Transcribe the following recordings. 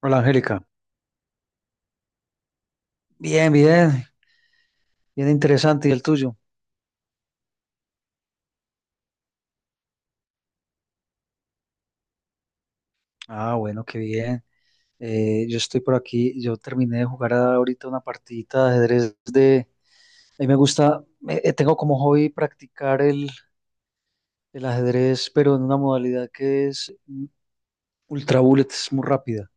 Hola Angélica. Bien, bien, bien interesante. ¿Y el tuyo? Ah, bueno, qué bien. Yo estoy por aquí. Yo terminé de jugar ahorita una partidita de ajedrez. A mí me gusta, tengo como hobby practicar el ajedrez, pero en una modalidad que es ultra bullet, es muy rápida.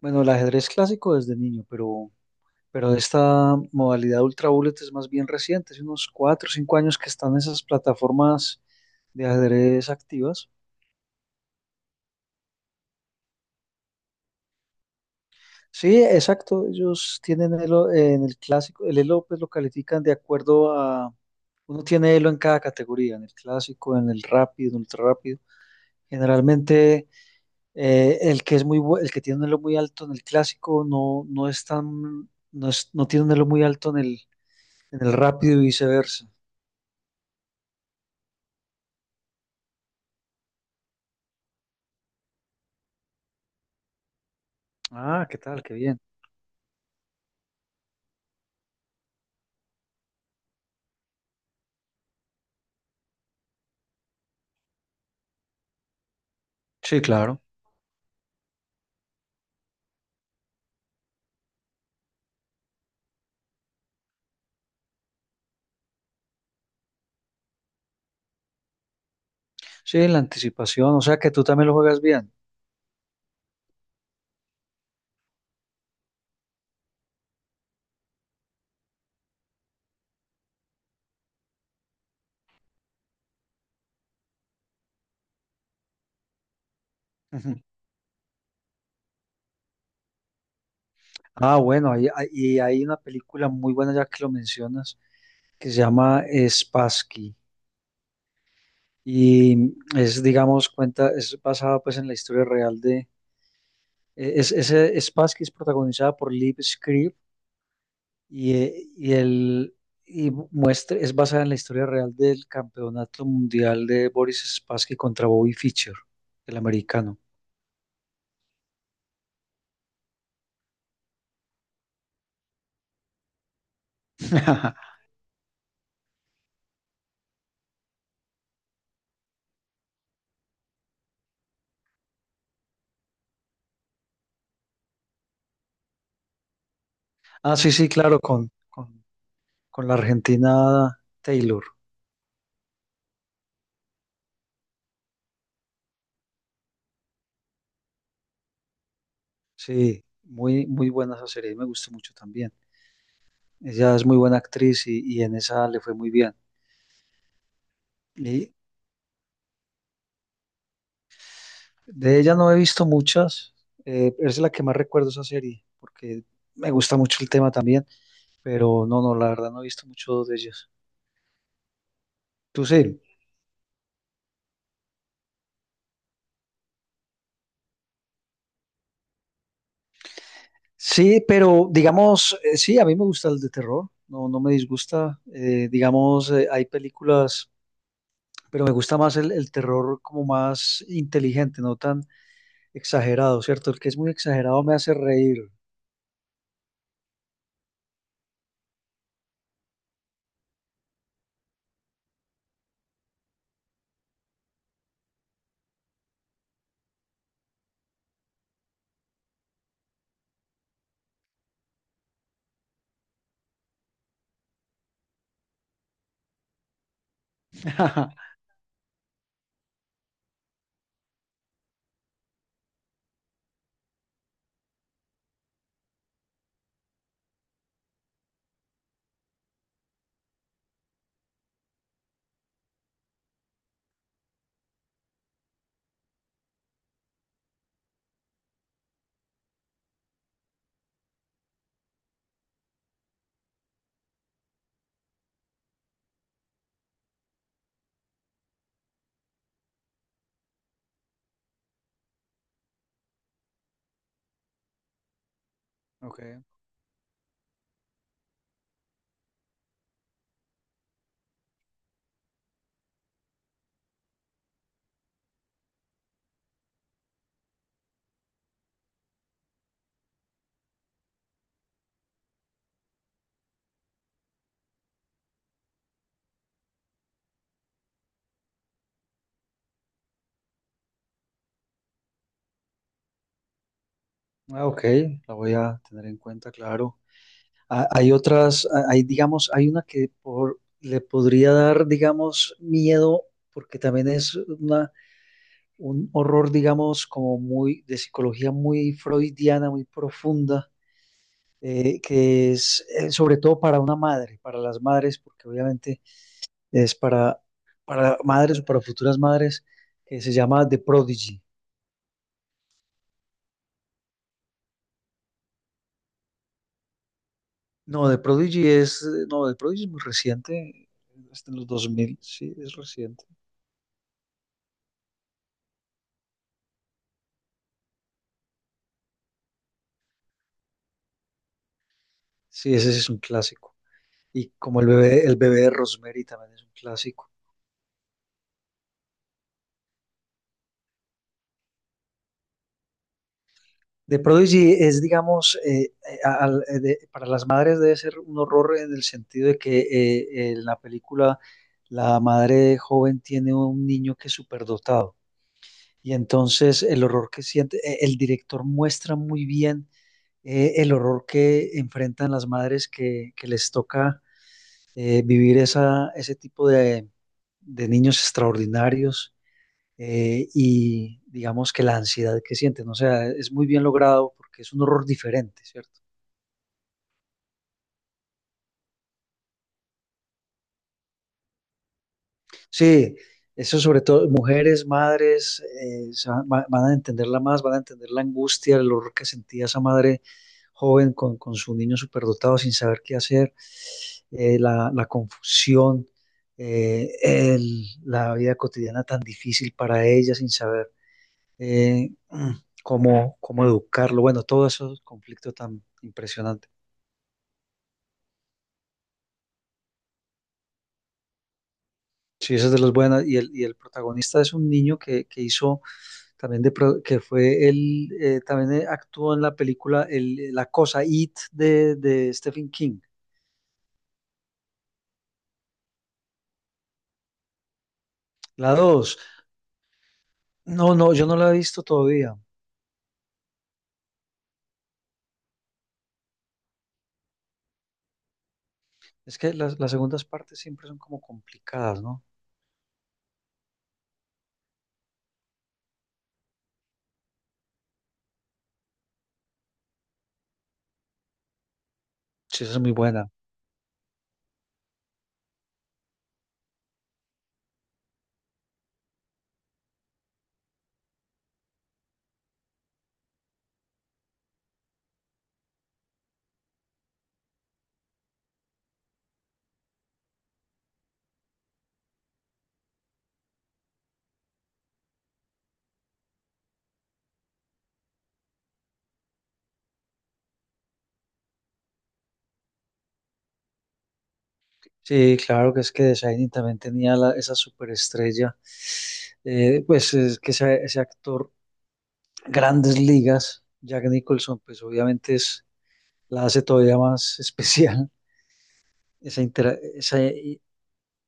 Bueno, el ajedrez clásico desde niño, pero esta modalidad ultra bullet es más bien reciente, hace unos 4 o 5 años que están esas plataformas de ajedrez activas. Sí, exacto. Ellos tienen elo en el clásico, el elo pues lo califican de acuerdo a, uno tiene elo en cada categoría, en el clásico, en el rápido, en el ultra rápido. Generalmente el que es el que tiene un elo muy alto en el clásico, no, no es tan, no tiene un elo muy alto en el rápido y viceversa. Ah, ¿qué tal? Qué bien. Sí, claro. Sí, la anticipación, o sea que tú también lo juegas bien. Ujú. Ah, bueno, y hay una película muy buena ya que lo mencionas, que se llama Spassky y es digamos, es basada pues en la historia real de, ese Spassky es protagonizada por Liv Schreiber. Y, eh, y, el, y muestra, es basada en la historia real del campeonato mundial de Boris Spassky contra Bobby Fischer, el americano. Ah, sí, sí, claro, con la argentina Taylor. Sí, muy, muy buena esa serie, me gustó mucho también. Ella es muy buena actriz y en esa le fue muy bien. Y de ella no he visto muchas, es la que más recuerdo esa serie, porque me gusta mucho el tema también, pero no, no, la verdad no he visto mucho de ellas. Tú sí. Sí, pero digamos, sí, a mí me gusta el de terror, no, no me disgusta. Digamos, hay películas, pero me gusta más el terror como más inteligente, no tan exagerado, ¿cierto? El que es muy exagerado me hace reír. Ok, ah, ok, la voy a tener en cuenta, claro. Ah, hay otras, ah, hay, digamos, hay una que por, le podría dar, digamos, miedo, porque también es una un horror, digamos, como muy de psicología muy freudiana, muy profunda, que es sobre todo para una madre, para las madres, porque obviamente es para madres o para futuras madres, que se llama The Prodigy. No, The Prodigy es, no, The Prodigy es muy reciente, es de los dos mil, sí, es reciente. Sí, ese sí es un clásico. Y como el bebé de Rosemary también es un clásico. The Prodigy es, digamos, para las madres debe ser un horror en el sentido de que en la película la madre joven tiene un niño que es superdotado y entonces el horror que siente, el director muestra muy bien el horror que enfrentan las madres que les toca vivir ese tipo de niños extraordinarios y digamos que la ansiedad que sienten. O sea, es muy bien logrado porque es un horror diferente, ¿cierto? Sí, eso sobre todo mujeres, madres, van a entenderla más, van a entender la angustia, el horror que sentía esa madre joven con su niño superdotado sin saber qué hacer, la confusión, la vida cotidiana tan difícil para ella sin saber eh, mm, cómo educarlo. Bueno, todo ese conflicto tan impresionante. Sí, esa es de las buenas. Y el protagonista es un niño que hizo también de, pro- que fue él, también actuó en la película La Cosa, It de Stephen King. La dos, no, no, yo no la he visto todavía. Es que las segundas partes siempre son como complicadas, ¿no? Sí, esa es muy buena. Sí, claro que es que The Shining también tenía esa superestrella. Pues es que ese actor, grandes ligas, Jack Nicholson, pues obviamente la hace todavía más especial. esa, intera- esa, e,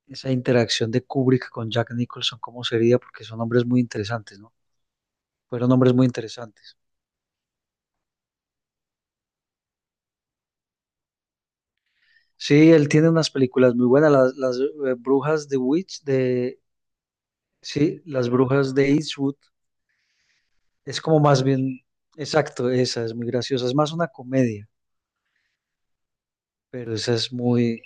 esa interacción de Kubrick con Jack Nicholson, ¿cómo sería? Porque son hombres muy interesantes, ¿no? Fueron hombres muy interesantes. Sí, él tiene unas películas muy buenas, las brujas de Witch, sí, las brujas de Eastwood, es como más bien, exacto, esa es muy graciosa, es más una comedia, pero esa es muy,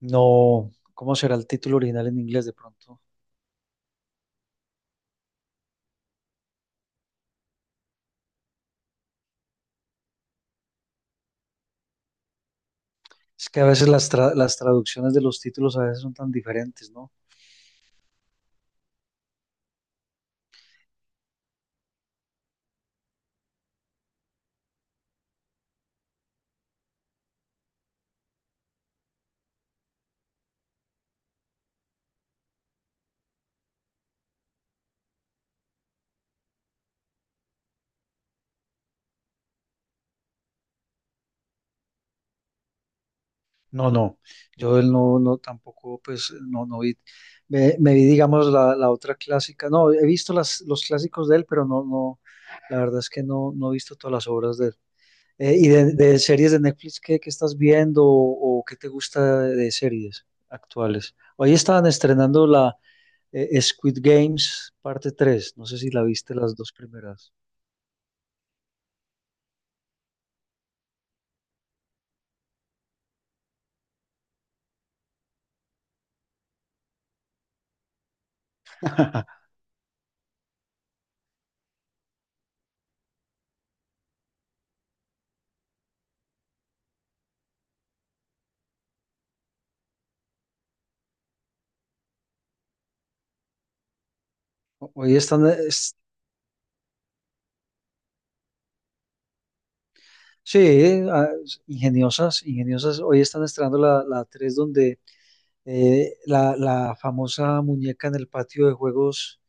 no, ¿cómo será el título original en inglés de pronto? Es que a veces las traducciones de los títulos a veces son tan diferentes, ¿no? No, no, yo él no, no, tampoco, pues, no, no vi, me vi, digamos, la otra clásica, no, he visto los clásicos de él, pero no, no, la verdad es que no, no he visto todas las obras de él. Y de series de Netflix, ¿qué estás viendo o qué te gusta de series actuales? Hoy estaban estrenando la Squid Games parte 3. No sé si la viste, las dos primeras. Hoy sí, ah, ingeniosas, ingeniosas, hoy están estrenando la 3 donde la famosa muñeca en el patio de juegos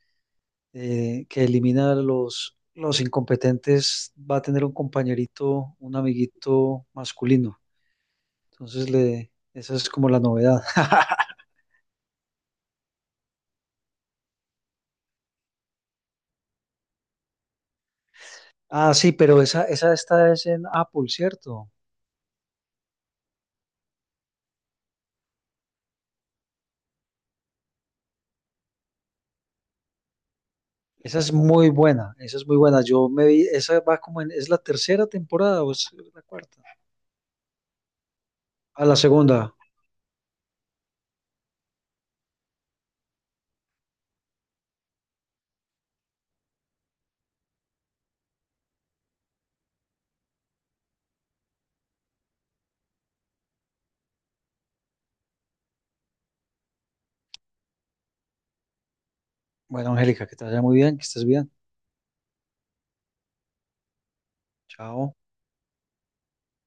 que elimina a los incompetentes va a tener un compañerito, un amiguito masculino. Entonces, esa es como la novedad. Ah, sí, pero esa esta es en Apple, ¿cierto? Esa es muy buena, esa es muy buena. Yo me vi, esa va ¿es la tercera temporada o es la cuarta? A la segunda. Bueno, Angélica, que te vaya muy bien, que estés bien. Chao.